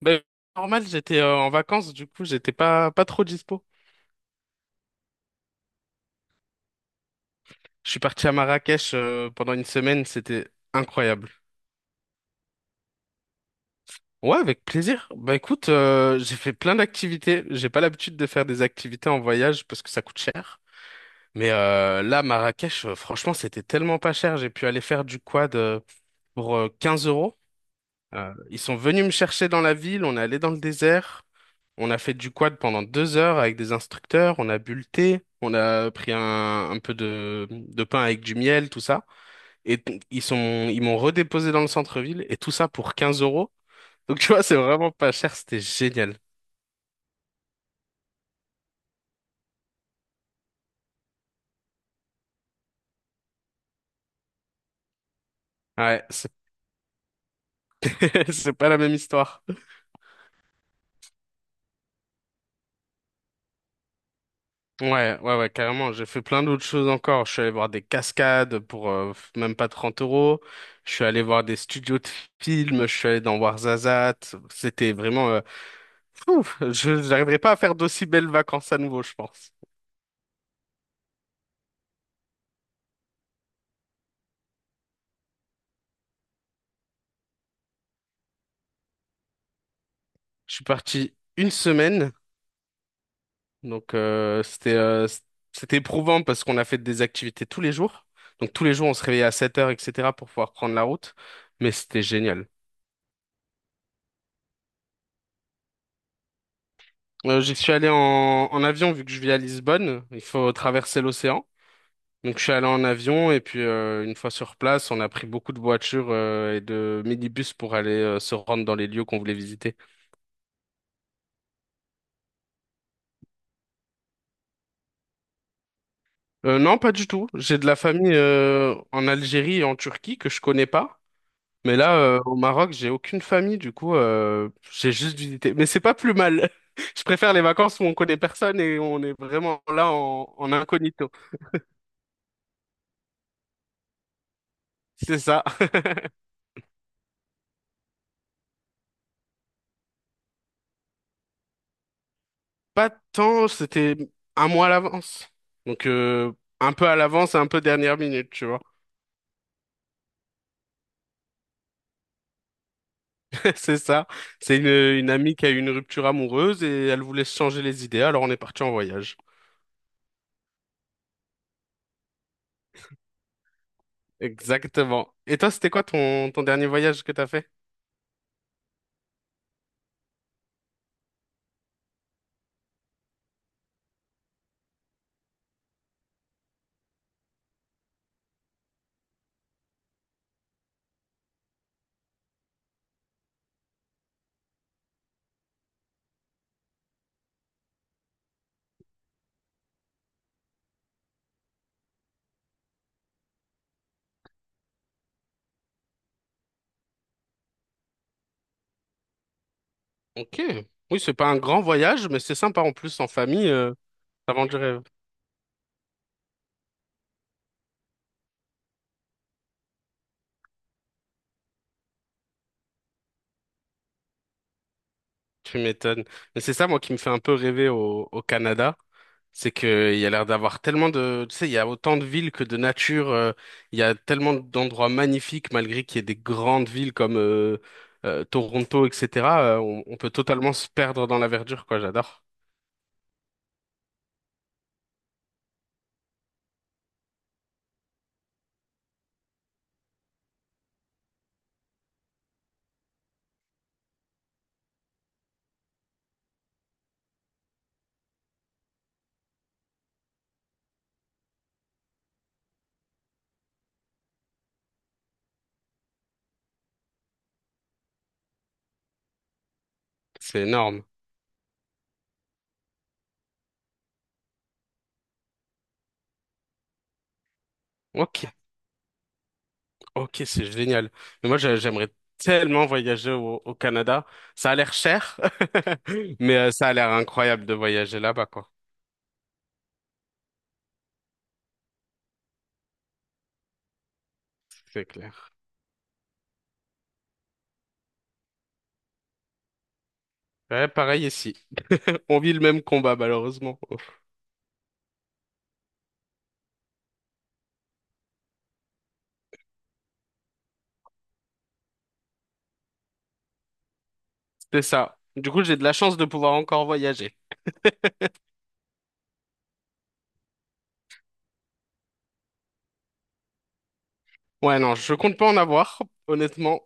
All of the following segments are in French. Ben, normal, j'étais en vacances, du coup, j'étais pas trop dispo. Je suis parti à Marrakech pendant une semaine, c'était incroyable. Ouais, avec plaisir. Bah écoute, j'ai fait plein d'activités. J'ai pas l'habitude de faire des activités en voyage parce que ça coûte cher. Mais là, Marrakech, franchement, c'était tellement pas cher. J'ai pu aller faire du quad pour 15 euros. Ils sont venus me chercher dans la ville, on est allé dans le désert, on a fait du quad pendant 2 heures avec des instructeurs, on a bu le thé, on a pris un peu de pain avec du miel, tout ça. Et ils m'ont redéposé dans le centre-ville et tout ça pour 15 euros. Donc tu vois, c'est vraiment pas cher, c'était génial. Ouais, c'est c'est pas la même histoire. Ouais, ouais, ouais, carrément. J'ai fait plein d'autres choses encore. Je suis allé voir des cascades pour même pas 30 euros. Je suis allé voir des studios de films. Je suis allé dans Warzazat. C'était vraiment ouf, je j'arriverai pas à faire d'aussi belles vacances à nouveau, je pense. Je suis parti une semaine. Donc, c'était c'était éprouvant parce qu'on a fait des activités tous les jours. Donc, tous les jours, on se réveillait à 7 heures, etc. pour pouvoir prendre la route. Mais c'était génial. J'y suis allé en avion vu que je vis à Lisbonne. Il faut traverser l'océan. Donc je suis allé en avion et puis une fois sur place, on a pris beaucoup de voitures et de minibus pour aller se rendre dans les lieux qu'on voulait visiter. Non, pas du tout. J'ai de la famille en Algérie et en Turquie que je connais pas. Mais là, au Maroc, j'ai aucune famille, du coup, j'ai juste visité. Mais c'est pas plus mal. Je préfère les vacances où on connaît personne et on est vraiment là en incognito. C'est ça. Pas tant, c'était un mois à l'avance. Donc un peu à l'avance et un peu dernière minute, tu vois. C'est ça. C'est une amie qui a eu une rupture amoureuse et elle voulait se changer les idées, alors on est parti en voyage. Exactement. Et toi, c'était quoi ton dernier voyage que t'as fait? Ok. Oui, c'est pas un grand voyage, mais c'est sympa en plus en famille. Ça vend du rêve. Tu m'étonnes. Mais c'est ça, moi, qui me fait un peu rêver au Canada. C'est qu'il y a l'air d'avoir tellement de. Tu sais, il y a autant de villes que de nature. Il y a tellement d'endroits magnifiques, malgré qu'il y ait des grandes villes comme Toronto, etc. On peut totalement se perdre dans la verdure, quoi. J'adore. C'est énorme. Ok, ok, c'est génial. Mais moi, j'aimerais tellement voyager au Canada. Ça a l'air cher, mais ça a l'air incroyable de voyager là-bas, quoi. C'est clair. Ouais, pareil ici. On vit le même combat, malheureusement. C'est ça. Du coup, j'ai de la chance de pouvoir encore voyager. Ouais, non, je compte pas en avoir, honnêtement.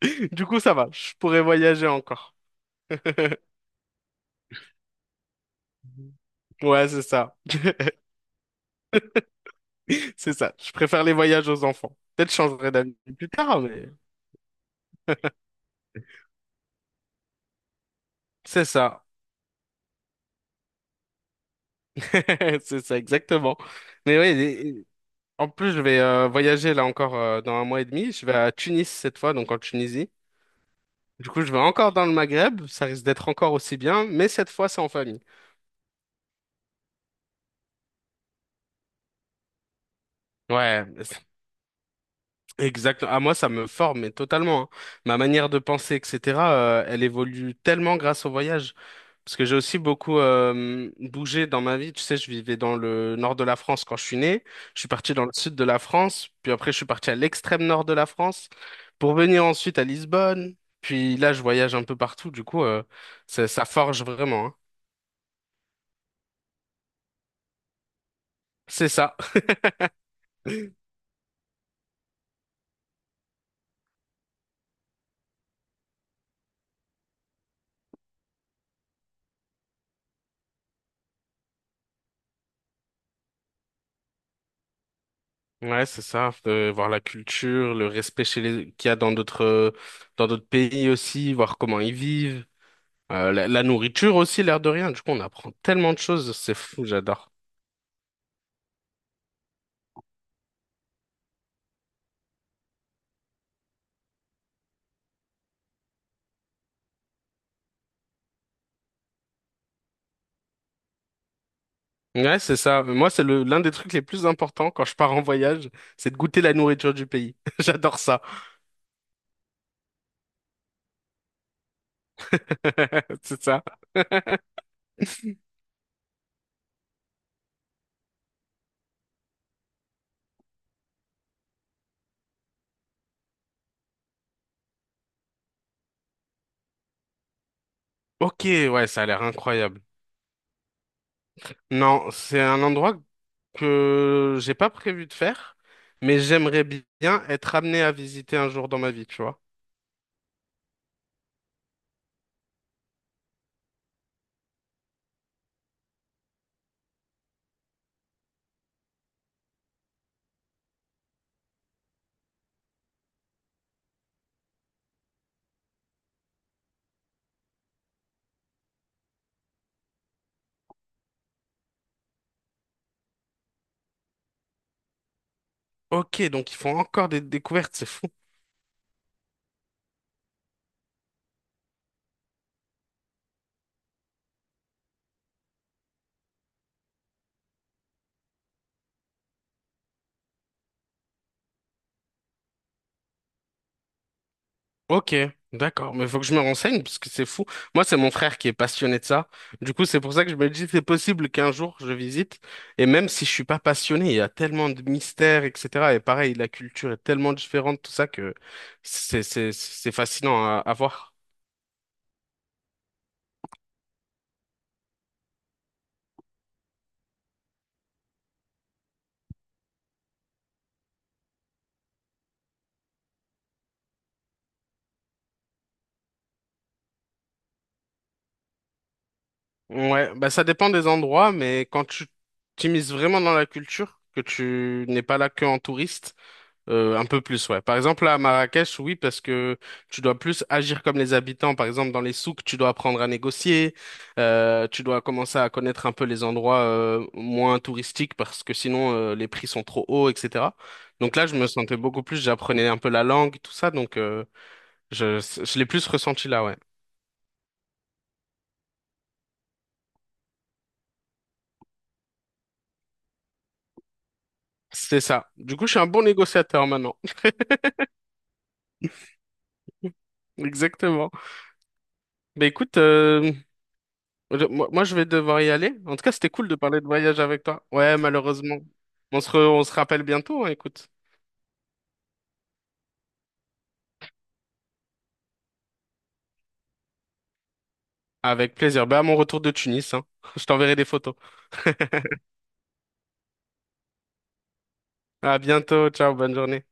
Du coup, ça va. Je pourrais voyager encore. Ouais, c'est ça. C'est ça. Je préfère les voyages aux enfants. Peut-être je changerai d'avis plus tard, mais c'est ça. C'est ça, exactement. Mais oui, en plus, je vais voyager là encore dans un mois et demi. Je vais à Tunis cette fois, donc en Tunisie. Du coup, je vais encore dans le Maghreb, ça risque d'être encore aussi bien, mais cette fois, c'est en famille. Ouais, exactement. À moi, ça me forme, mais totalement, hein. Ma manière de penser, etc., elle évolue tellement grâce au voyage. Parce que j'ai aussi beaucoup bougé dans ma vie. Tu sais, je vivais dans le nord de la France quand je suis né. Je suis parti dans le sud de la France, puis après, je suis parti à l'extrême nord de la France pour venir ensuite à Lisbonne. Puis là, je voyage un peu partout. Du coup, ça, ça forge vraiment, hein. C'est ça. Ouais, c'est ça, de voir la culture, le respect chez les, qu'il y a dans d'autres pays aussi, voir comment ils vivent. La nourriture aussi, l'air de rien. Du coup, on apprend tellement de choses, c'est fou, j'adore. Ouais, c'est ça. Moi, c'est le l'un des trucs les plus importants quand je pars en voyage, c'est de goûter la nourriture du pays. J'adore ça. C'est ça. Ok, ouais, ça a l'air incroyable. Non, c'est un endroit que j'ai pas prévu de faire, mais j'aimerais bien être amené à visiter un jour dans ma vie, tu vois. Ok, donc ils font encore des découvertes, c'est fou. Ok, d'accord, mais faut que je me renseigne parce que c'est fou. Moi, c'est mon frère qui est passionné de ça. Du coup, c'est pour ça que je me dis c'est possible qu'un jour je visite. Et même si je suis pas passionné, il y a tellement de mystères, etc. Et pareil, la culture est tellement différente, tout ça que c'est fascinant à voir. Ouais, bah ça dépend des endroits, mais quand tu t'immisces vraiment dans la culture, que tu n'es pas là que en touriste. Un peu plus, ouais. Par exemple, là, à Marrakech, oui, parce que tu dois plus agir comme les habitants. Par exemple, dans les souks, tu dois apprendre à négocier. Tu dois commencer à connaître un peu les endroits moins touristiques parce que sinon, les prix sont trop hauts, etc. Donc là, je me sentais beaucoup plus, j'apprenais un peu la langue, tout ça. Donc, je l'ai plus ressenti là, ouais. C'est ça. Du coup, je suis un bon négociateur maintenant. Exactement. Bah écoute, Moi, moi, je vais devoir y aller. En tout cas, c'était cool de parler de voyage avec toi. Ouais, malheureusement. On se rappelle bientôt, hein, écoute. Avec plaisir. Bah, à mon retour de Tunis, hein. Je t'enverrai des photos. À bientôt. Ciao, bonne journée.